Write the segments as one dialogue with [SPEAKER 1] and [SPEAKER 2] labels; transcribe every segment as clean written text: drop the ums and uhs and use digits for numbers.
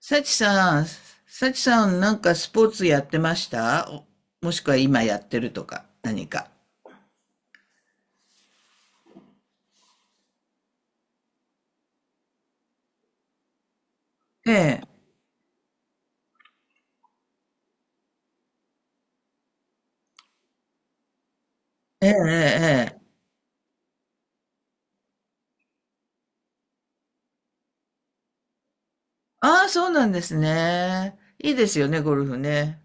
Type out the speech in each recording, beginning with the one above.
[SPEAKER 1] サチさん、サチさんなんかスポーツやってましたおもしくは今やってるとか、何か。ええ、ええ、ええ。ええ。ああ、そうなんですね。いいですよね、ゴルフね。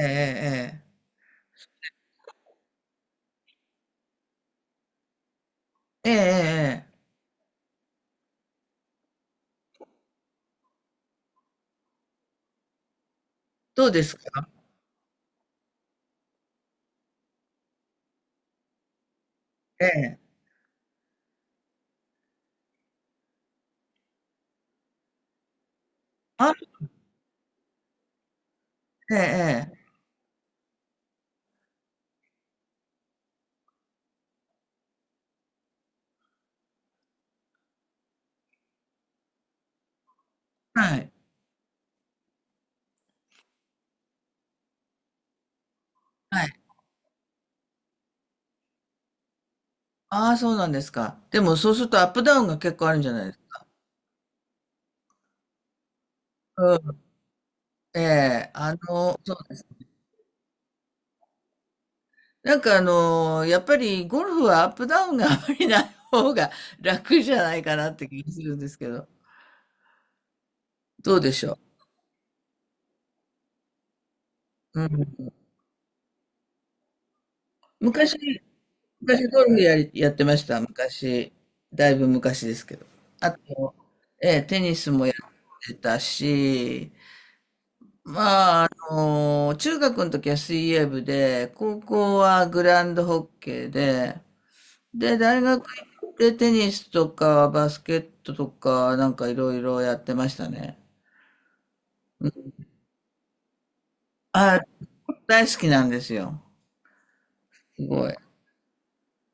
[SPEAKER 1] ええ、ええ、ええ、ええ、ええ。どうですか。ええ。あ、ええ、ええ。はい、はい。ああ、そうなんですか。でもそうするとアップダウンが結構あるんじゃないですか。うん。ええ、あの、そうです。なんかやっぱりゴルフはアップダウンがあまりない方が楽じゃないかなって気がするんですけど、どうでしょう。うん、昔、昔ゴルフやり、やってました。昔、だいぶ昔ですけど。あと、ええ、テニスもやってたし、まあ、中学の時は水泳部で、高校はグランドホッケーで、で、大学行ってテニスとかバスケットとかなんかいろいろやってましたね。あ、大好きなんですよ。すごい。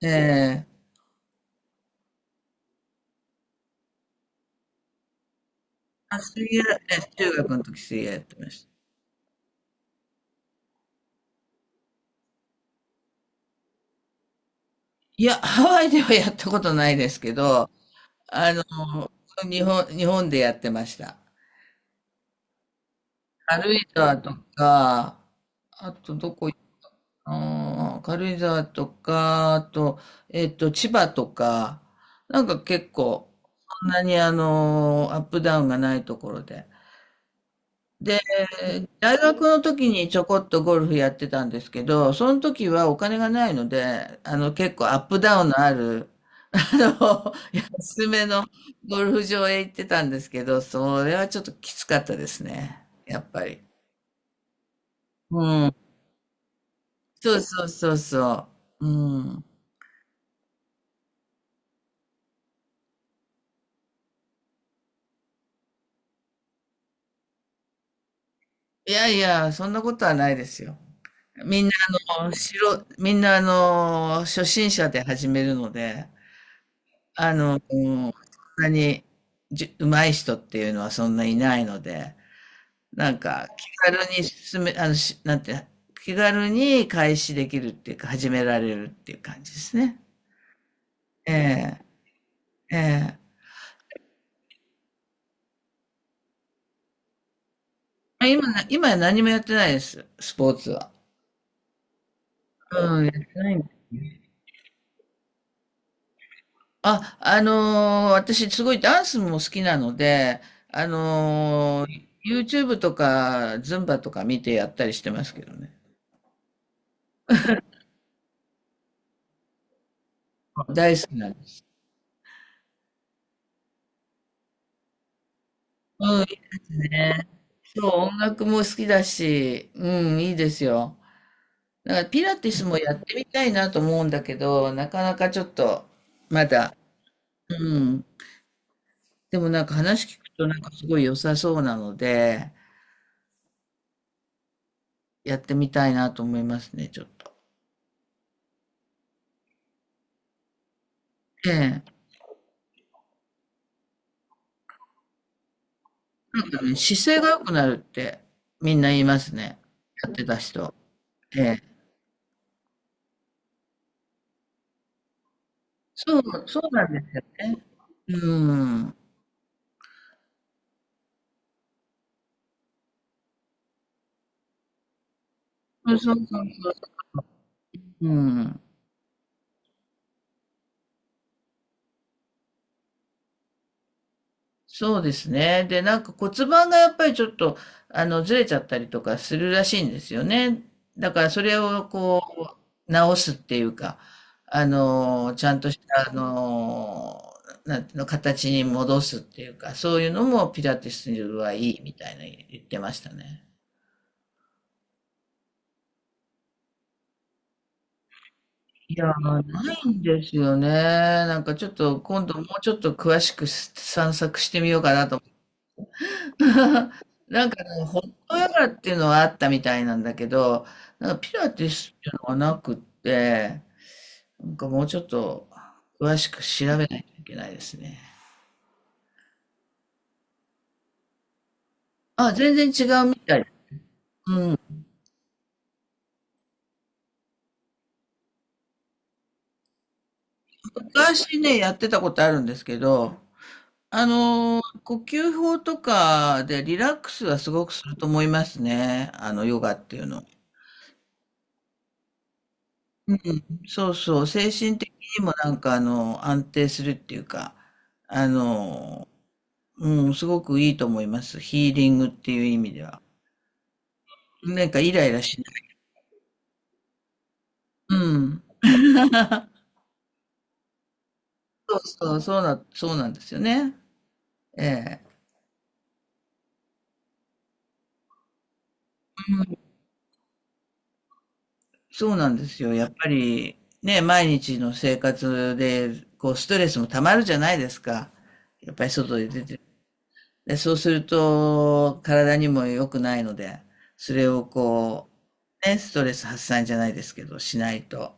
[SPEAKER 1] ええ。あ、水泳、え、中学の時水泳やってました。いや、ハワイではやったことないですけど、あの、日本でやってました。軽井沢とか、あとどこ行ったの。軽井沢とか、あと、えっと、千葉とか、なんか結構、そんなにあの、アップダウンがないところで。で、大学の時にちょこっとゴルフやってたんですけど、その時はお金がないので、あの結構アップダウンのある、あの、安めのゴルフ場へ行ってたんですけど、それはちょっときつかったですね。やっぱり。うん。そうそうそうそう。うん。いやいや、そんなことはないですよ。みんなみんなあの、初心者で始めるので、あの、うん、そんなに、じゅ上手い人っていうのはそんないないので、なんか気軽に進めあの、しなんて、気軽に開始できるっていうか、始められるっていう感じですね。ええ、ええ。あ、今は何もやってないです、スポーツは。うん、やってないんだ。あ、私すごいダンスも好きなので、YouTube とか、ズンバとか見てやったりしてますけどね。大好きなんです。うん。そう、音楽も好きだし、うん、いいですよ。だからピラティスもやってみたいなと思うんだけど、なかなかちょっと、まだ、うん。でもなんか話聞くとなんかすごい良さそうなので、やってみたいなと思いますね、ちょっと。ええ。なんかね、姿勢が良くなるってみんな言いますね。やってた人。ええ。そう、そうなんですよね。うん。そうそうそうそう。うん。そうですね。で、なんか骨盤がやっぱりちょっと、あの、ずれちゃったりとかするらしいんですよね。だからそれをこう、直すっていうか、あの、ちゃんとした、あの、なんていうの、形に戻すっていうか、そういうのもピラティスはいいみたいな言ってましたね。いや、ないんですよね。なんかちょっと今度もうちょっと詳しく散策してみようかなと。 なんかね、ホットヨガっていうのはあったみたいなんだけど、なんかピラティスっていうのはなくって、なんかもうちょっと詳しく調べないといけないですね。あ、全然違うみたい。うん。昔ね、やってたことあるんですけど、呼吸法とかでリラックスはすごくすると思いますね。あの、ヨガっていうの。うん、そうそう。精神的にもなんかあの、安定するっていうか、あの、うん、すごくいいと思います。ヒーリングっていう意味では。なんかイライラしない。うん。そうそう、そうな、そうなんですよね。ええ。うん。そうなんですよ。やっぱりね、毎日の生活で、こう、ストレスもたまるじゃないですか。やっぱり外で出て。で、そうすると、体にも良くないので、それをこう、ね、ストレス発散じゃないですけど、しないと。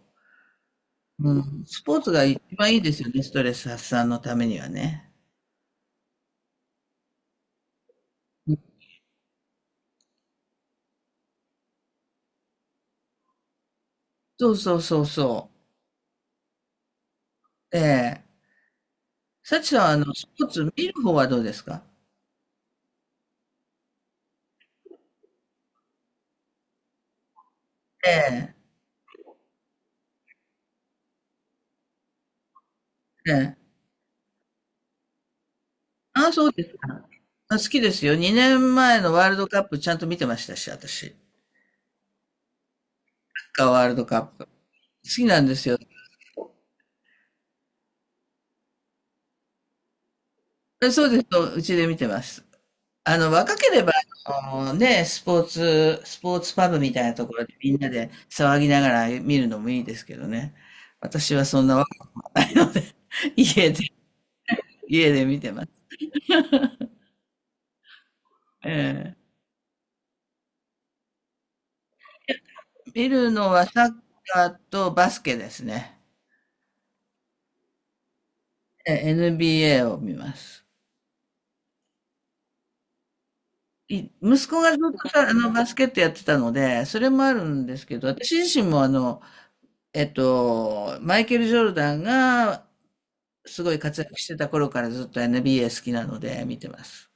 [SPEAKER 1] うん。スポーツが一番いいですよね、ストレス発散のためにはね。そうそうそうそう。ええ。幸さんは、あの、スポーツ見る方はどうですか。ええ。ええ。ああ、そうですか。あ、好きですよ。2年前のワールドカップちゃんと見てましたし、私。サッカーワールドカップ。好きなんですよ。え、そうですよ。うちで見てます。あの、若ければ、あのね、スポーツ、スポーツパブみたいなところでみんなで騒ぎながら見るのもいいですけどね。私はそんな若くもないので、家で、家で見てます。ええ。見るのはサッカーとバスケですね。え、 NBA を見ます。い息子がずっとさ、あの、バスケットやってたので、それもあるんですけど、私自身もあの、えっと、マイケル・ジョルダンがすごい活躍してた頃からずっと NBA 好きなので見てます。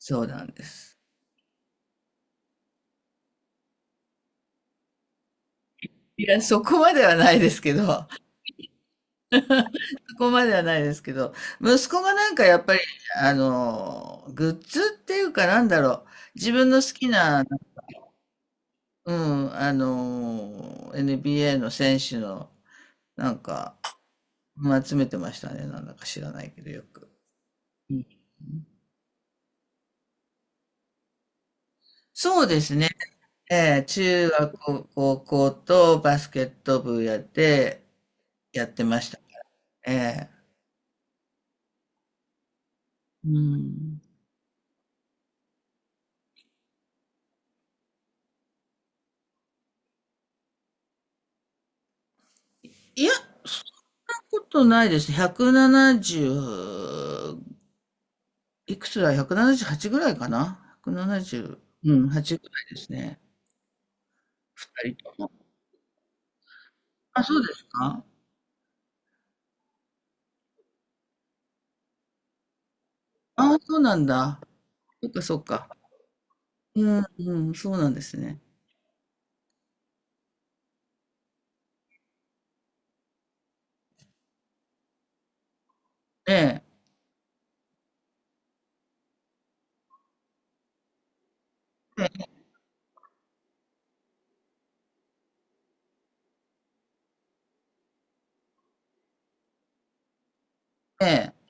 [SPEAKER 1] そうなんです。いや、そこまではないですけど、そこまではないですけど、息子がなんかやっぱり、あの、グッズっていうかなんだろう、自分の好きな、うん、NBA の選手の、なんか、うん、集めてましたね。なんだか知らないけど、よく。うん。そうですね。えー、高校とバスケット部やって、やってました。えー。うん。いや、そんなことないです。170、いくつだ？ 178 ぐらいかな？ 170、うん、8ぐらいですね。二人とも。あ、そうですか。あ、そうなんだ。そっかそっか。うん、うん、そうなんですね。ええ、ええ、ええ、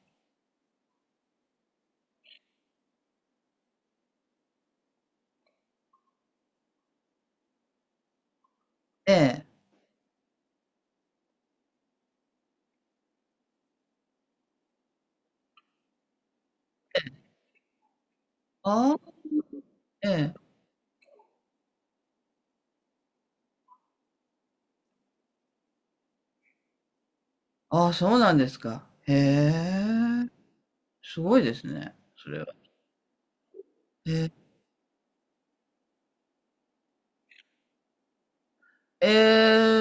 [SPEAKER 1] ええ。ああ、ええ、ああ、そうなんですか。へえ、すごいですね、それは。ええ、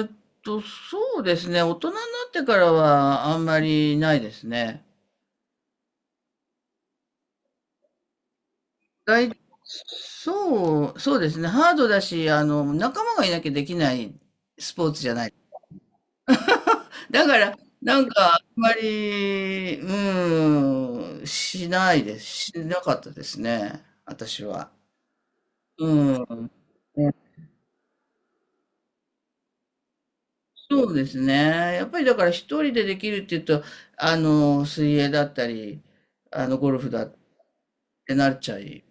[SPEAKER 1] えーっと、そうですね、大人になってからはあんまりないですね。外、そう、そうですね、ハードだし、あの、仲間がいなきゃできないスポーツじゃない。だから、なんか、あんまり、うん、しないです。しなかったですね、私は。うん。ね。そうですね。やっぱりだから一人でできるっていうと、あの、水泳だったり、あの、ゴルフだってなっちゃい、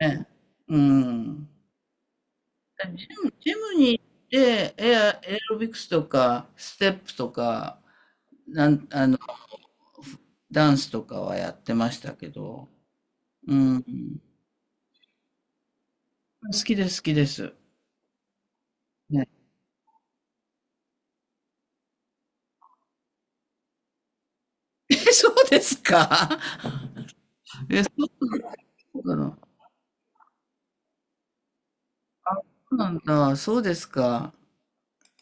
[SPEAKER 1] ね。うん。ジムに行って、エアロビクスとか、ステップとか、なん、あの、ダンスとかはやってましたけど、うん。好きです、好きです。ね。え、そうですか。え、そうなの。そうなんだ。そうですか。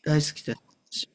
[SPEAKER 1] 大好きです。